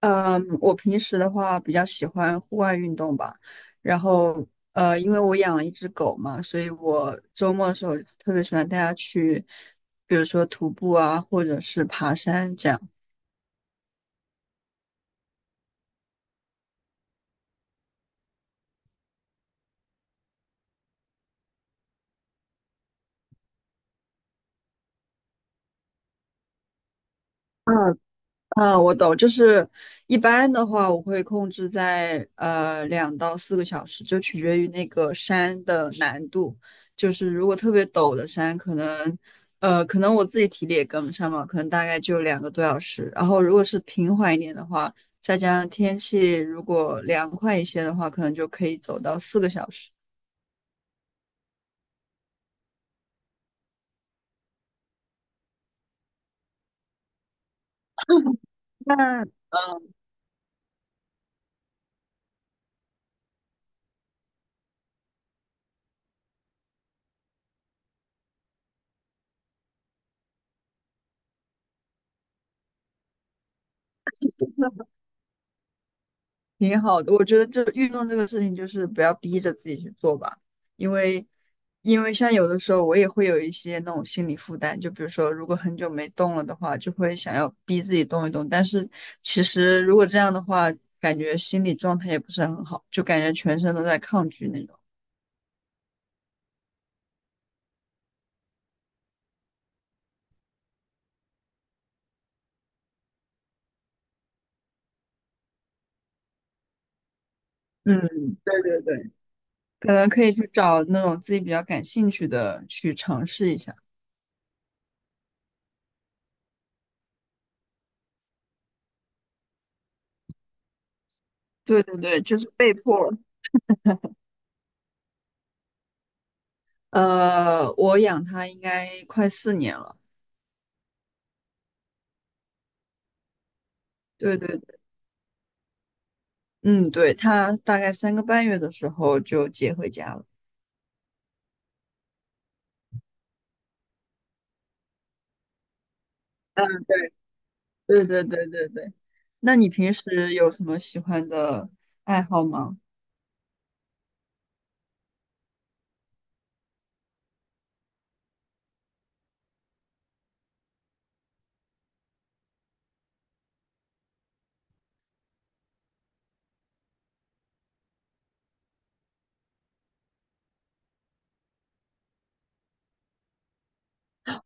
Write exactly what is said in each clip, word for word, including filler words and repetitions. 嗯，我平时的话比较喜欢户外运动吧，然后呃，因为我养了一只狗嘛，所以我周末的时候特别喜欢带它去，比如说徒步啊，或者是爬山这样。嗯，嗯，我懂，就是一般的话，我会控制在呃两到四个小时，就取决于那个山的难度。就是如果特别陡的山，可能呃可能我自己体力也跟不上嘛，可能大概就两个多小时。然后如果是平缓一点的话，再加上天气如果凉快一些的话，可能就可以走到四个小时。那嗯那挺好的，我觉得这运动这个事情就是不要逼着自己去做吧，因为因为像有的时候我也会有一些那种心理负担，就比如说如果很久没动了的话，就会想要逼自己动一动，但是其实如果这样的话，感觉心理状态也不是很好，就感觉全身都在抗拒那种。嗯，对对对，可能可以去找那种自己比较感兴趣的去尝试一下。对对对，就是被迫。呃，我养它应该快四年了。对对嗯，对，他大概三个半月的时候就接回家了。嗯，对，对对对对对。那你平时有什么喜欢的爱好吗？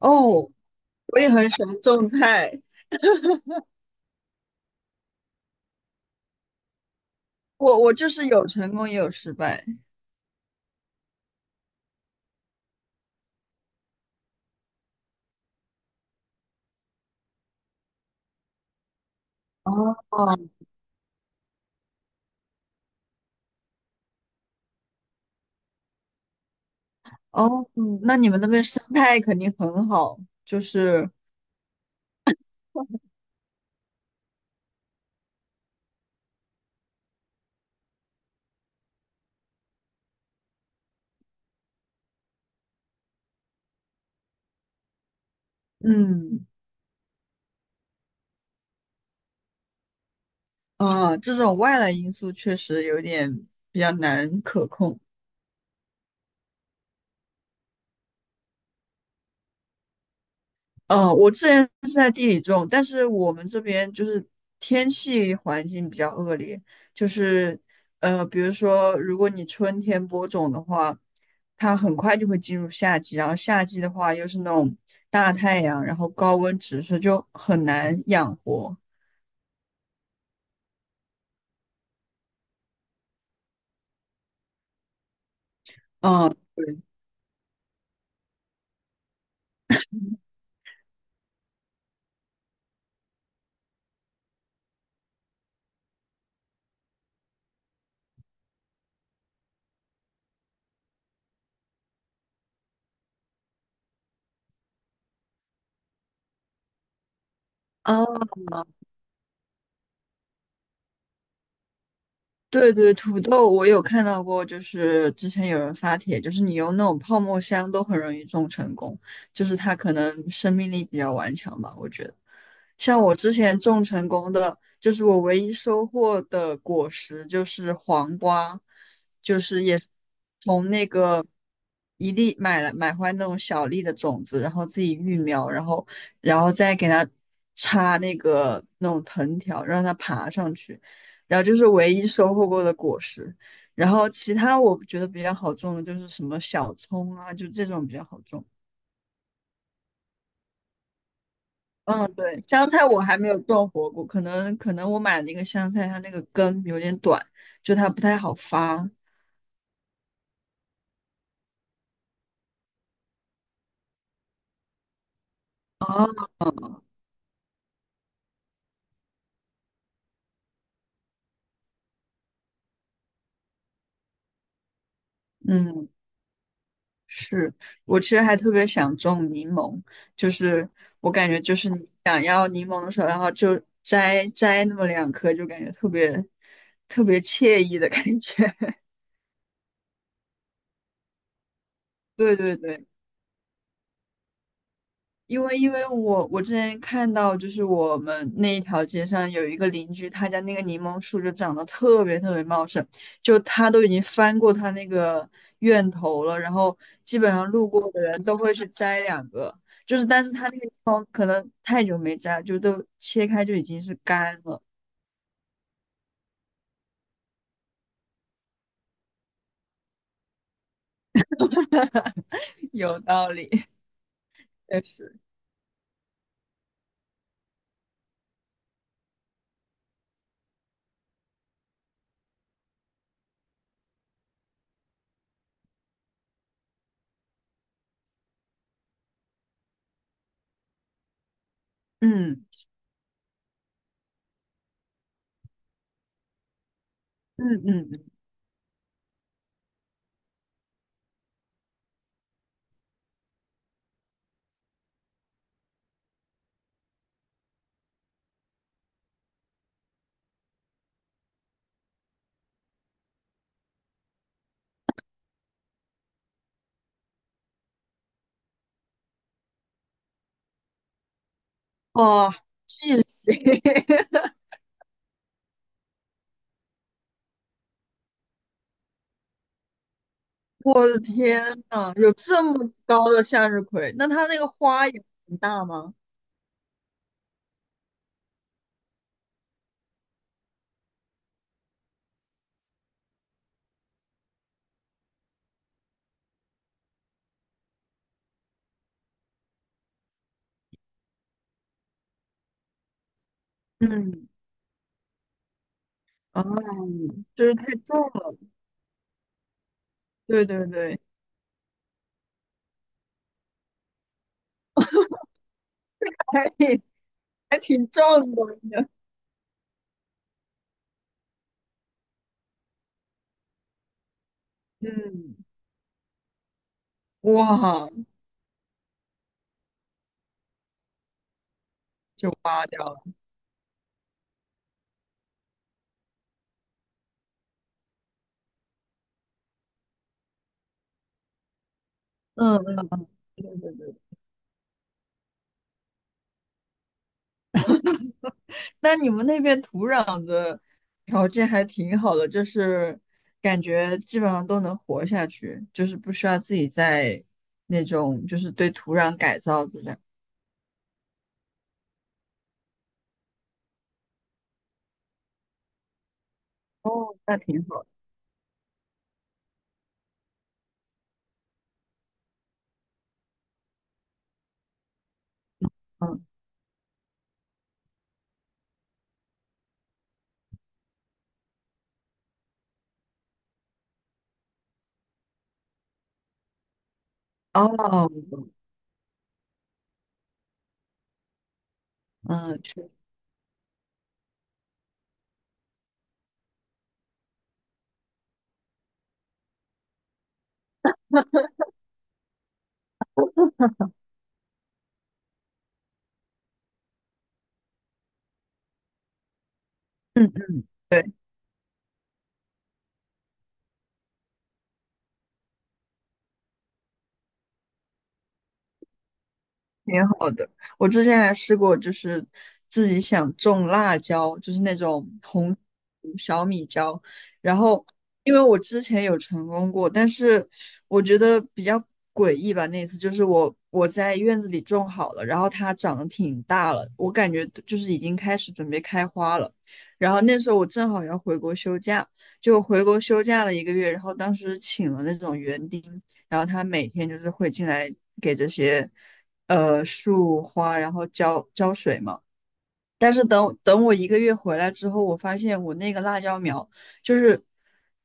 哦，我也很喜欢种菜。我我就是有成功也有失败。哦哦，嗯那你们那边生态肯定很好，就是嗯啊，这种外来因素确实有点比较难可控。嗯，我之前是在地里种，但是我们这边就是天气环境比较恶劣，就是呃，比如说如果你春天播种的话，它很快就会进入夏季，然后夏季的话又是那种大太阳，然后高温直射，就很难养活。嗯，对。哦，对对，土豆我有看到过，就是之前有人发帖，就是你用那种泡沫箱都很容易种成功，就是它可能生命力比较顽强吧，我觉得。像我之前种成功的，就是我唯一收获的果实就是黄瓜，就是也是从那个一粒买了买回来那种小粒的种子，然后自己育苗，然后然后再给它插那个那种藤条，让它爬上去。然后就是唯一收获过的果实。然后其他我觉得比较好种的就是什么小葱啊，就这种比较好种。嗯，对，香菜我还没有种活过，可能可能我买那个香菜，它那个根有点短，就它不太好发。哦，嗯，是我其实还特别想种柠檬，就是我感觉就是你想要柠檬的时候，然后就摘摘那么两颗，就感觉特别特别惬意的感觉。对对对，因为因为我我之前看到，就是我们那一条街上有一个邻居，他家那个柠檬树就长得特别特别茂盛，就他都已经翻过他那个院头了，然后基本上路过的人都会去摘两个，就是但是他那个地方可能太久没摘，就都切开就已经是干了，有道理，确实，嗯嗯嗯嗯，哦，谢。我的天呐，有这么高的向日葵，那它那个花也很大吗？嗯，啊，就是太重了。对对对，还挺还挺壮观的。嗯，哇，就挖掉了。嗯嗯，对对对。那你们那边土壤的条件还挺好的，就是感觉基本上都能活下去，就是不需要自己在那种就是对土壤改造这样。哦，那挺好的。哦，嗯，是，嗯嗯，对挺好的。我之前还试过，就是自己想种辣椒，就是那种红小米椒。然后，因为我之前有成功过，但是我觉得比较诡异吧。那次就是我我在院子里种好了，然后它长得挺大了，我感觉就是已经开始准备开花了。然后那时候我正好要回国休假，就回国休假了一个月，然后当时请了那种园丁，然后他每天就是会进来给这些。呃树花，然后浇浇水嘛。但是等等我一个月回来之后，我发现我那个辣椒苗就是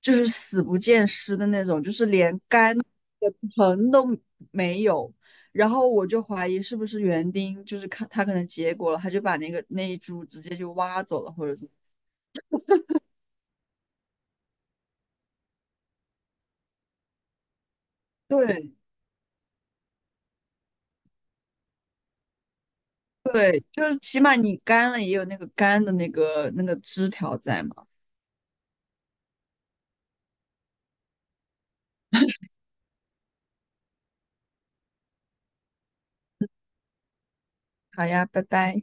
就是死不见尸的那种，就是连干的藤都没有。然后我就怀疑是不是园丁，就是看他可能结果了，他就把那个那一株直接就挖走了，或者怎么？对对，就是起码你干了也有那个干的那个那个枝条在嘛。好呀，拜拜。